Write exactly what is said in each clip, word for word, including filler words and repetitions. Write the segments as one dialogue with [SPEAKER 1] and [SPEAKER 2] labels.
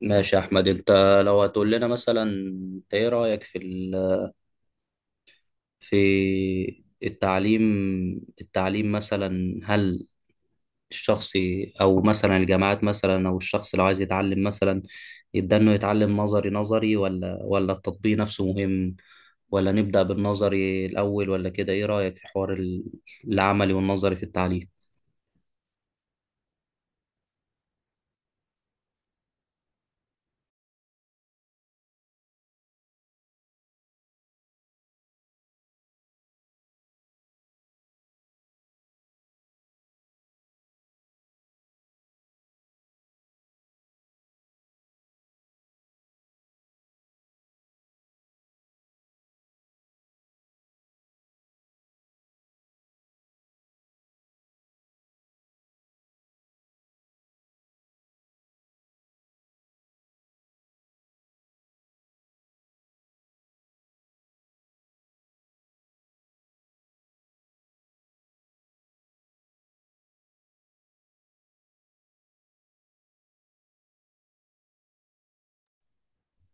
[SPEAKER 1] ماشي يا احمد، انت لو هتقول لنا مثلا انت ايه رايك في ال... في التعليم التعليم مثلا، هل الشخص او مثلا الجامعات مثلا او الشخص لو عايز يتعلم مثلا يبدا انه يتعلم نظري نظري ولا ولا التطبيق نفسه مهم، ولا نبدا بالنظري الاول ولا كده؟ ايه رايك في حوار ال- العملي والنظري في التعليم؟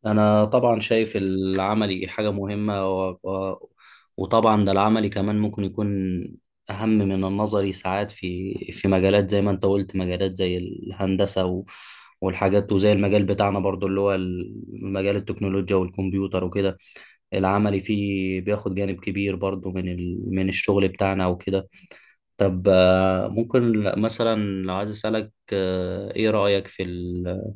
[SPEAKER 1] أنا طبعا شايف العملي حاجة مهمة و... و... وطبعا ده العملي كمان ممكن يكون أهم من النظري ساعات، في في مجالات زي ما أنت قلت، مجالات زي الهندسة و... والحاجات، وزي المجال بتاعنا برضو اللي هو مجال التكنولوجيا والكمبيوتر وكده. العملي فيه بياخد جانب كبير برضو من ال... من الشغل بتاعنا وكده. طب آه، ممكن مثلا لو عايز أسألك آه، إيه رأيك في ال...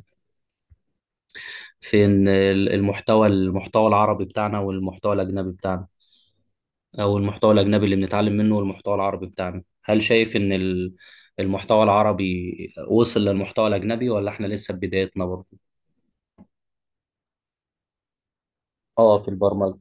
[SPEAKER 1] في إن ال- المحتوى المحتوى العربي بتاعنا والمحتوى الأجنبي بتاعنا، أو المحتوى الأجنبي اللي بنتعلم منه والمحتوى العربي بتاعنا؟ هل شايف إن ال- المحتوى العربي وصل للمحتوى الأجنبي، ولا إحنا لسه في بدايتنا برضه؟ اه، في البرمجة.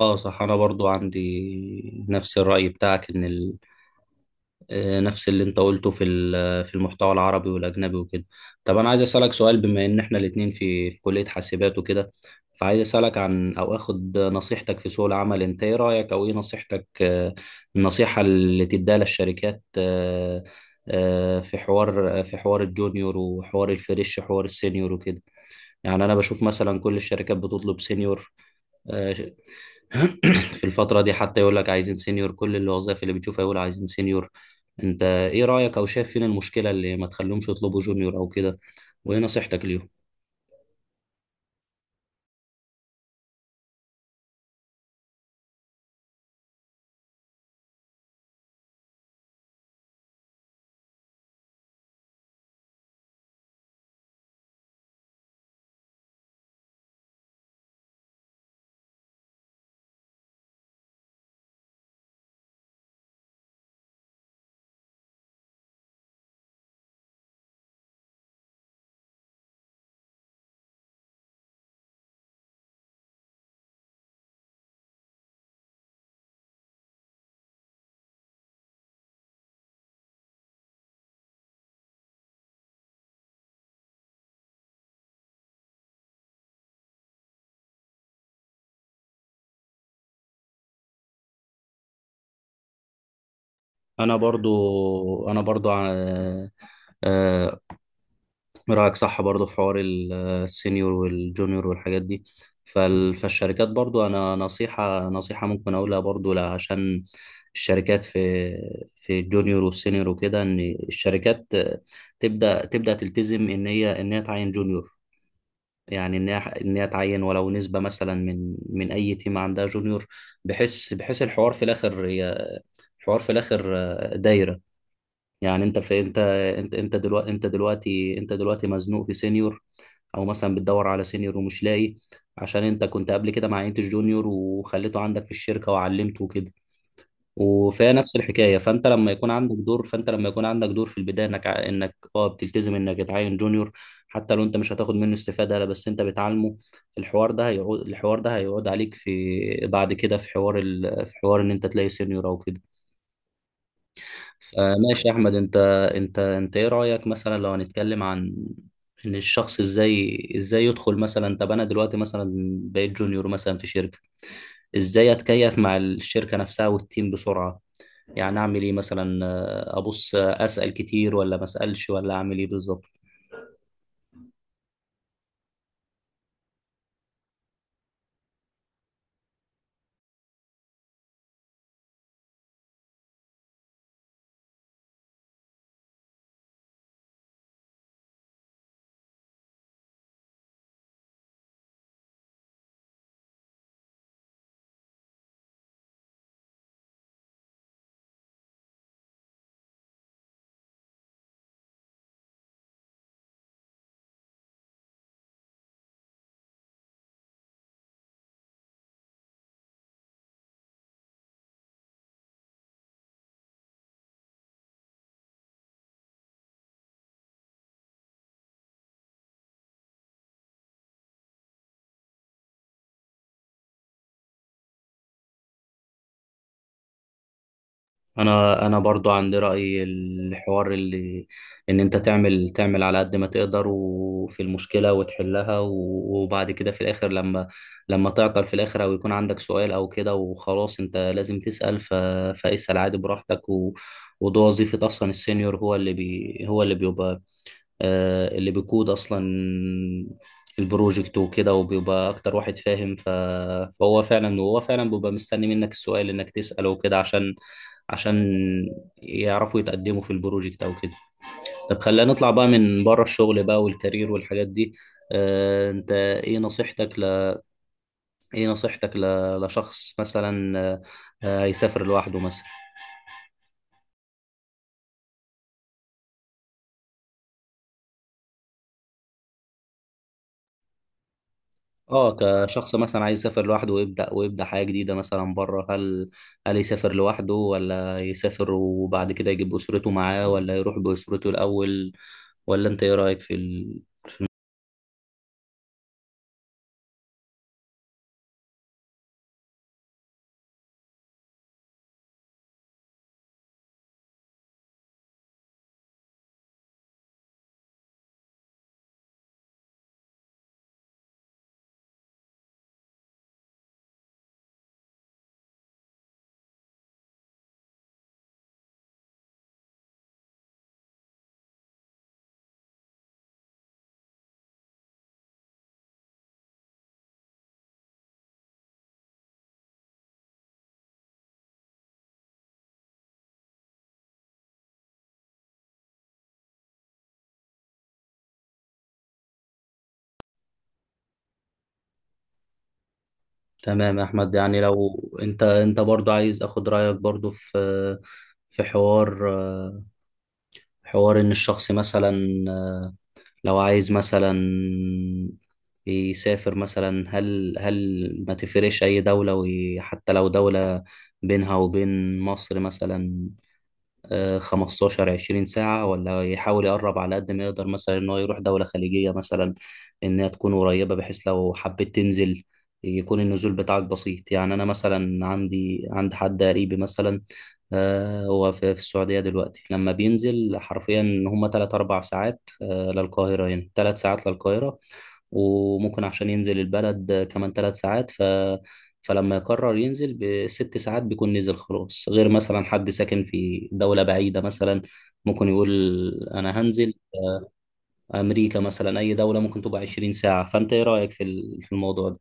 [SPEAKER 1] اه، صح. أنا برضو عندي نفس الرأي بتاعك، إن ال آه، نفس اللي انت قلته في ال- في المحتوى العربي والاجنبي وكده. طب انا عايز اسالك سؤال، بما ان احنا الاتنين في في كليه حاسبات وكده، فعايز اسالك عن او اخد نصيحتك في سوق العمل. انت ايه رايك او ايه نصيحتك، آه، النصيحه اللي تديها للشركات، آه، آه، في حوار في حوار الجونيور وحوار الفريش، حوار السينيور وكده؟ يعني انا بشوف مثلا كل الشركات بتطلب سينيور. آه، في الفترة دي، حتى يقول لك عايزين سينيور، كل الوظائف اللي بتشوفها يقول عايزين سينيور. انت ايه رأيك او شايف فين المشكلة اللي ما تخليهمش يطلبوا جونيور او كده؟ وايه نصيحتك ليهم؟ انا برضو انا برضو آه، رأيك صح برضه في حوار ال- السينيور والجونيور والحاجات دي. فال- فالشركات برضه، أنا نصيحة نصيحة ممكن أقولها برضه عشان الشركات في في الجونيور والسينيور وكده، إن الشركات تبدأ تبدأ تلتزم إن هي إن هي تعين جونيور، يعني إن هي إن هي تعين ولو نسبة مثلا من من أي تيم عندها جونيور، بحيث بحيث الحوار في الآخر هي- الحوار في الآخر دايرة. يعني انت في انت انت انت دلوقتي انت دلوقتي انت دلوقتي مزنوق في سينيور، او مثلا بتدور على سينيور ومش لاقي، عشان انت كنت قبل كده مع انت جونيور وخليته عندك في الشركه وعلمته وكده، وفيها نفس الحكايه. فانت لما يكون عندك دور فانت لما يكون عندك دور في البدايه انك ع- انك اه بتلتزم انك تعين جونيور، حتى لو انت مش هتاخد منه استفاده، لا بس انت بتعلمه. الحوار ده هيعود الحوار ده هيعود عليك في بعد كده، في حوار ال... في حوار ان انت تلاقي سينيور او كده. آه، ماشي يا احمد، انت انت انت ايه رايك مثلا لو هنتكلم عن ان الشخص ازاي ازاي يدخل مثلا؟ طب انا دلوقتي مثلا بقيت جونيور مثلا في شركه، ازاي اتكيف مع الشركه نفسها والتيم بسرعه؟ يعني اعمل ايه مثلا، آه، ابص، آه، اسال كتير ولا ما اسالش ولا اعمل ايه بالظبط؟ انا انا برضو عندي رأي، الحوار اللي ان انت تعمل تعمل على قد ما تقدر وفي المشكلة وتحلها، و- وبعد كده في الاخر، لما لما تعطل في الاخر او يكون عندك سؤال او كده، وخلاص انت لازم تسأل. ف... فاسأل عادي براحتك. و... وده وظيفة اصلا السينيور، هو اللي بي... هو اللي بيبقى آه، اللي بيقود اصلا البروجكت وكده، وبيبقى اكتر واحد فاهم. ف- فهو فعلا وهو فعلا بيبقى مستني منك السؤال انك تسأله وكده، عشان عشان يعرفوا يتقدموا في البروجكت او كده. طب خلينا نطلع بقى من بره الشغل بقى، والكارير والحاجات دي. آه، انت ايه نصيحتك ل... ايه نصيحتك ل... لشخص مثلا، آه، آه، هيسافر لوحده مثلا؟ اه، كشخص مثلا عايز يسافر لوحده ويبدأ ويبدأ حياة جديدة مثلا بره، هل هل يسافر لوحده، ولا يسافر وبعد كده يجيب أسرته معاه، ولا يروح بأسرته الأول، ولا انت ايه رأيك في ال... تمام يا احمد، يعني لو انت انت برضو عايز اخد رأيك برضو في في حوار حوار ان الشخص مثلا لو عايز مثلا يسافر مثلا، هل هل ما تفرقش أي دولة، وحتى لو دولة بينها وبين مصر مثلا آه، خمسة عشر عشرين ساعة، ولا يحاول يقرب على قد ما يقدر مثلا إن هو يروح دولة خليجية مثلا إنها تكون قريبة، بحيث لو حبيت تنزل يكون النزول بتاعك بسيط؟ يعني أنا مثلا عندي عند حد قريبي مثلا، آه، هو في في السعودية دلوقتي. لما بينزل حرفيا، هما تلات أربع ساعات آه، للقاهرة، هنا تلات ساعات للقاهرة، وممكن عشان ينزل البلد آه، كمان تلات ساعات. فلما يقرر ينزل بست ساعات بيكون نزل خلاص. غير مثلا حد ساكن في دولة بعيدة مثلا، ممكن يقول أنا هنزل أمريكا مثلا، أي دولة ممكن تبقى عشرين ساعة. فأنت إيه رأيك في ال- في الموضوع ده؟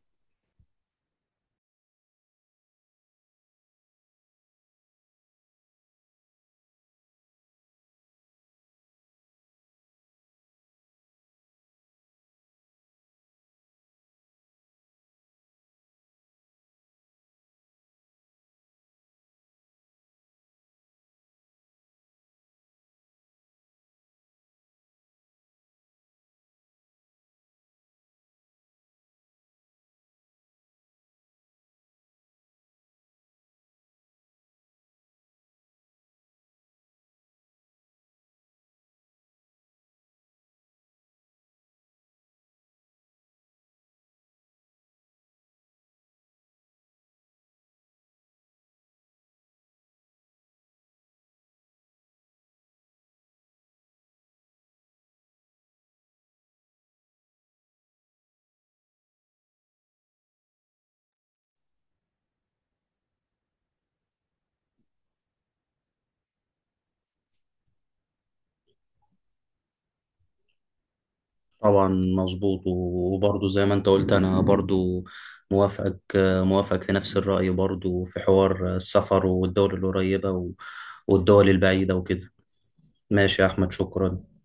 [SPEAKER 1] طبعا مظبوط، وبرضه زي ما انت قلت انا برضه موافقك موافقك في نفس الرأي برضه، في حوار السفر والدول القريبة و- والدول البعيدة وكده. ماشي يا أحمد، شكرا.